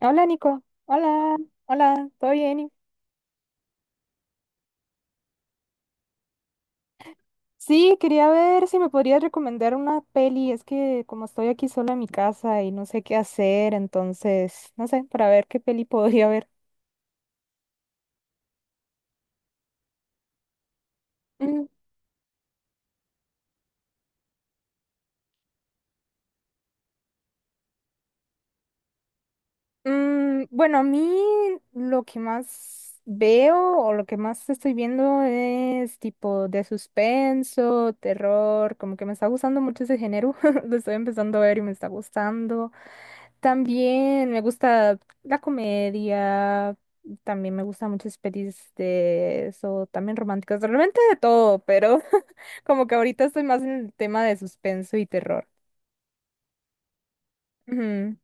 Hola Nico, hola, hola, ¿todo bien? Sí, quería ver si me podrías recomendar una peli, es que como estoy aquí sola en mi casa y no sé qué hacer, entonces, no sé, para ver qué peli podría ver. Mm, bueno, a mí lo que más veo o lo que más estoy viendo es tipo de suspenso, terror, como que me está gustando mucho ese género, lo estoy empezando a ver y me está gustando. También me gusta la comedia, también me gustan muchas pelis de eso, también románticas, realmente de todo, pero como que ahorita estoy más en el tema de suspenso y terror. Ujú.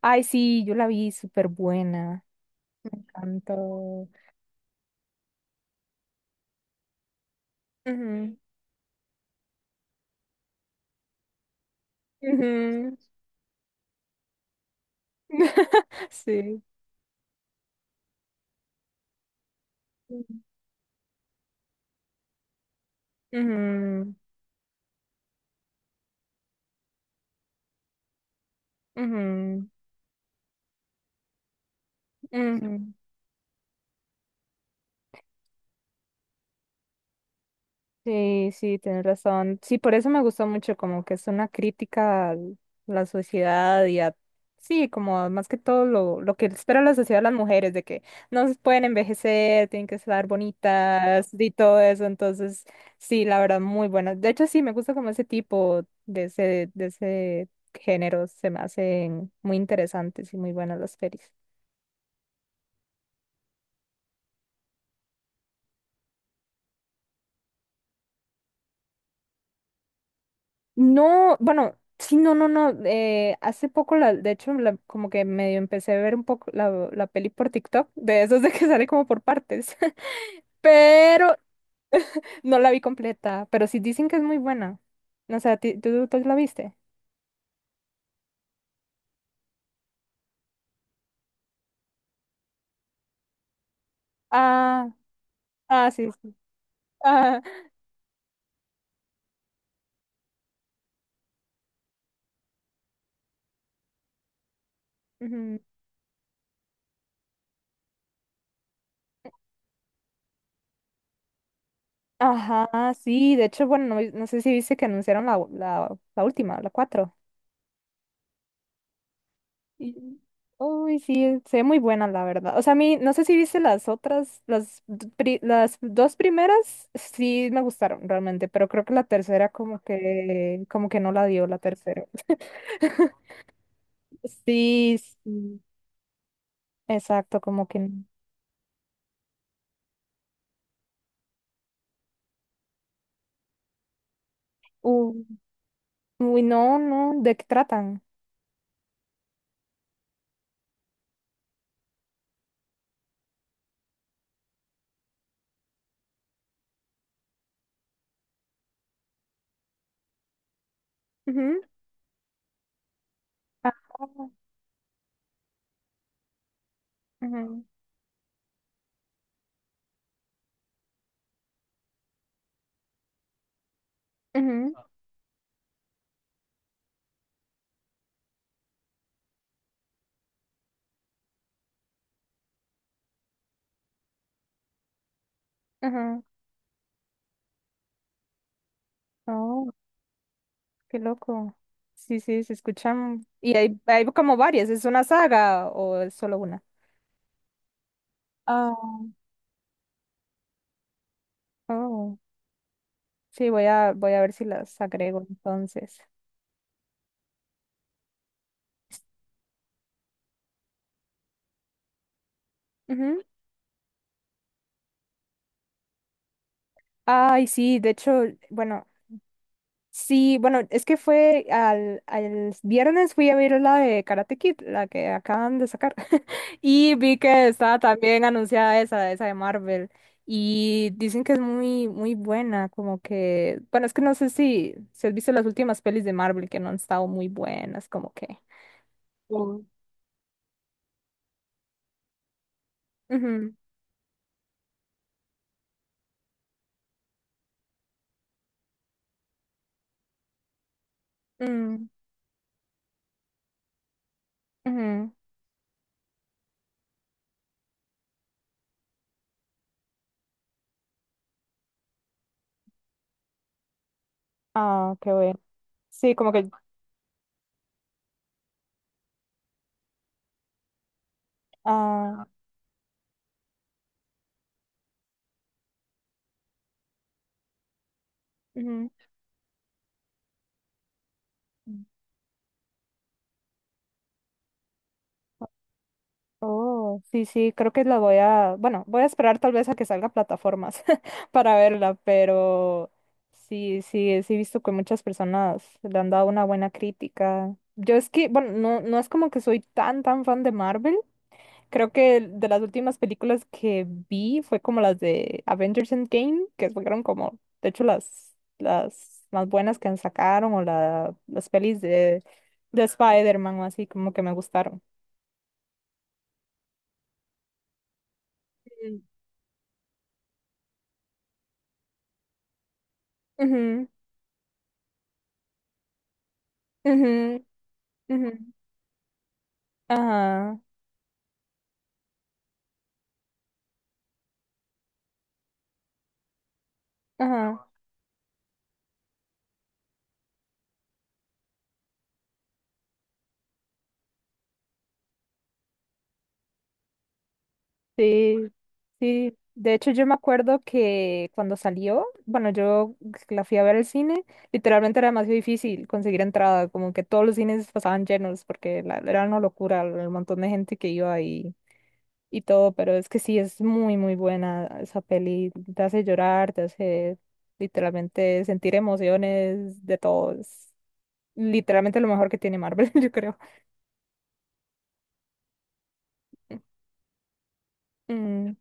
Ay, sí, yo la vi súper buena, me encantó. Ujú, ujú. Sí. Ujú, ujú, ujú, ujú. Sí, sí, tienes razón. Sí, por eso me gustó mucho, como que es una crítica a la sociedad y a, sí, como más que todo lo que espera la sociedad de las mujeres, de que no se pueden envejecer, tienen que estar bonitas y todo eso. Entonces, sí, la verdad, muy buena. De hecho, sí, me gusta como ese tipo de ese género, se me hacen muy interesantes y muy buenas las pelis. No, bueno, sí, no, no, no. Hace poco, de hecho, como que medio empecé a ver un poco la peli por TikTok, de esos de que sale como por partes, pero no la vi completa, pero sí dicen que es muy buena. O sea, ¿tú la viste? Ah, ah, sí, sí. Ah, ujú. Ajá, sí, de hecho, bueno, no sé si viste que anunciaron la última, la cuatro. Y- Uy, sí, se ve muy buena, la verdad. O sea, a mí, no sé si viste las otras, las dos primeras, sí me gustaron realmente, pero creo que la tercera como que no la dio la tercera. Sí, sí, exacto, como que... u- Uy, no, no, ¿de qué tratan? Ujú. Ah, ujú, ujú, ujú. Oh, qué loco. Sí, sí, se escuchan. Y hay como varias, ¿es una saga o es solo una? Oh, sí, voy a ver si las agrego entonces. Ujú. Ay, sí, de hecho, bueno, sí, bueno, es que fue al viernes fui a ver la de Karate Kid, la que acaban de sacar, y vi que estaba también anunciada esa de Marvel, y dicen que es muy, muy buena, como que, bueno, es que no sé si has visto las últimas pelis de Marvel que no han estado muy buenas, como que... Mm. Ujú, mm, ujú. Ah, qué bueno. Sí, como que. Ah, ujú. Oh, sí, sí, creo que la voy a, bueno, voy a esperar tal vez a que salga a plataformas para verla, pero sí, sí, sí he visto que muchas personas le han dado una buena crítica. Yo es que, bueno, no es como que soy tan, tan fan de Marvel. Creo que de las últimas películas que vi fue como las de Avengers Endgame, que fueron como, de hecho, las más buenas que sacaron o las pelis de, Spider-Man o así, como que me gustaron. Ujú, ujú, ujú. Ajá, ajá, sí, sí. De hecho, yo me acuerdo que cuando salió, bueno, yo la fui a ver al cine, literalmente era demasiado difícil conseguir entrada, como que todos los cines pasaban llenos, porque era una locura el montón de gente que iba y todo, pero es que sí, es muy, muy buena esa peli, te hace llorar, te hace literalmente sentir emociones de todos, literalmente lo mejor que tiene Marvel, yo creo. Mm.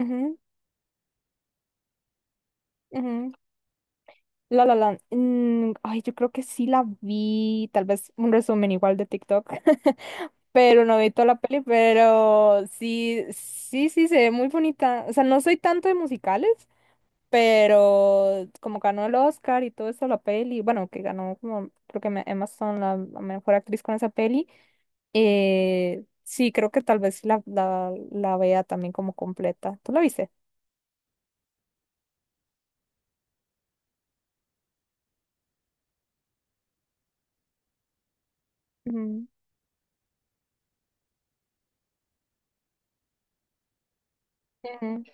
Ujú, ujú. La La Land. Ay, yo creo que sí la vi, tal vez un resumen igual de TikTok, pero no vi toda la peli, pero sí, sí, sí, se ve muy bonita. O sea, no soy tanto de musicales, pero como ganó el Oscar y todo eso, la peli, bueno, que ganó como, creo que Emma Stone, la mejor actriz con esa peli, sí, creo que tal vez sí la vea también como completa. ¿Tú la viste? Ujú, ujú,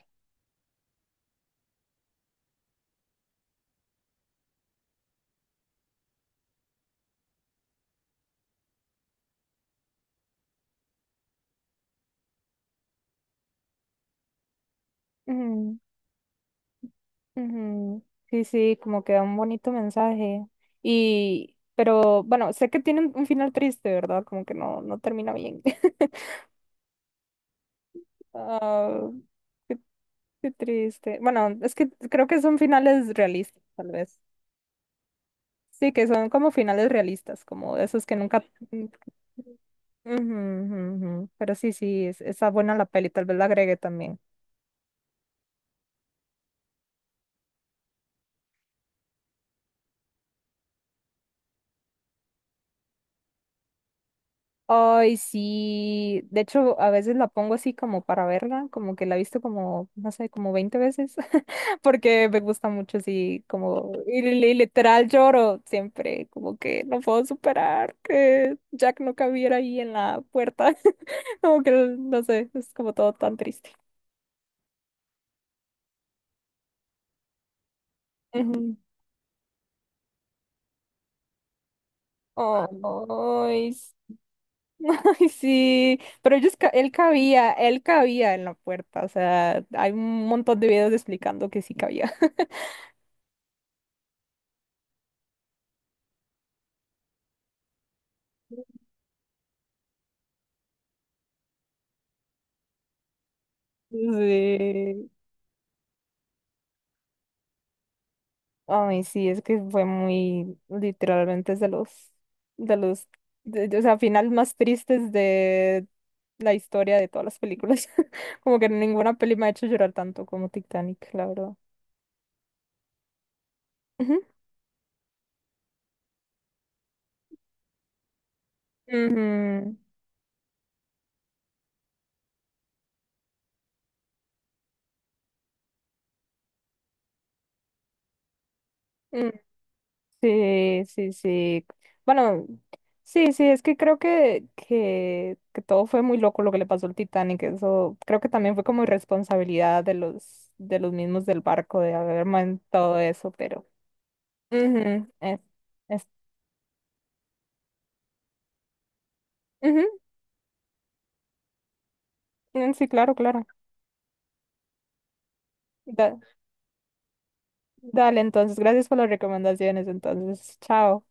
ujú. Ujú. Sí, sí, como que da un bonito mensaje. Y, pero bueno, sé que tiene un final triste, ¿verdad? Como que no termina bien. Ah, qué, qué triste. Bueno, es que creo que son finales realistas, tal vez. Sí, que son como finales realistas, como esos que nunca... Ujú, ujú, ujú. Pero sí, sí, está buena la peli, tal vez la agregue también. Ay, sí. De hecho, a veces la pongo así como para verla, como que la he visto como, no sé, como 20 veces, porque me gusta mucho así, como, y, literal lloro siempre, como que no puedo superar que Jack no cabiera ahí en la puerta, como que, no sé, es como todo tan triste. Ujú. Oh, ay, ay, sí, pero ellos, él cabía en la puerta, o sea, hay un montón de videos explicando que sí cabía. Sí, ay, sí, es que fue muy literalmente es de los, de los, o sea, final más tristes de la historia de todas las películas. Como que ninguna peli me ha hecho llorar tanto como Titanic, la verdad. Ujú. Ujú, sí, sí, sí. Bueno, sí, sí, es que creo que todo fue muy loco lo que le pasó al Titanic. Eso creo que también fue como irresponsabilidad de los mismos del barco de haber montado eso, pero. Ujú, es- ujú, mm, sí, claro, claro. Da- dale, entonces, gracias por las recomendaciones. Entonces, chao.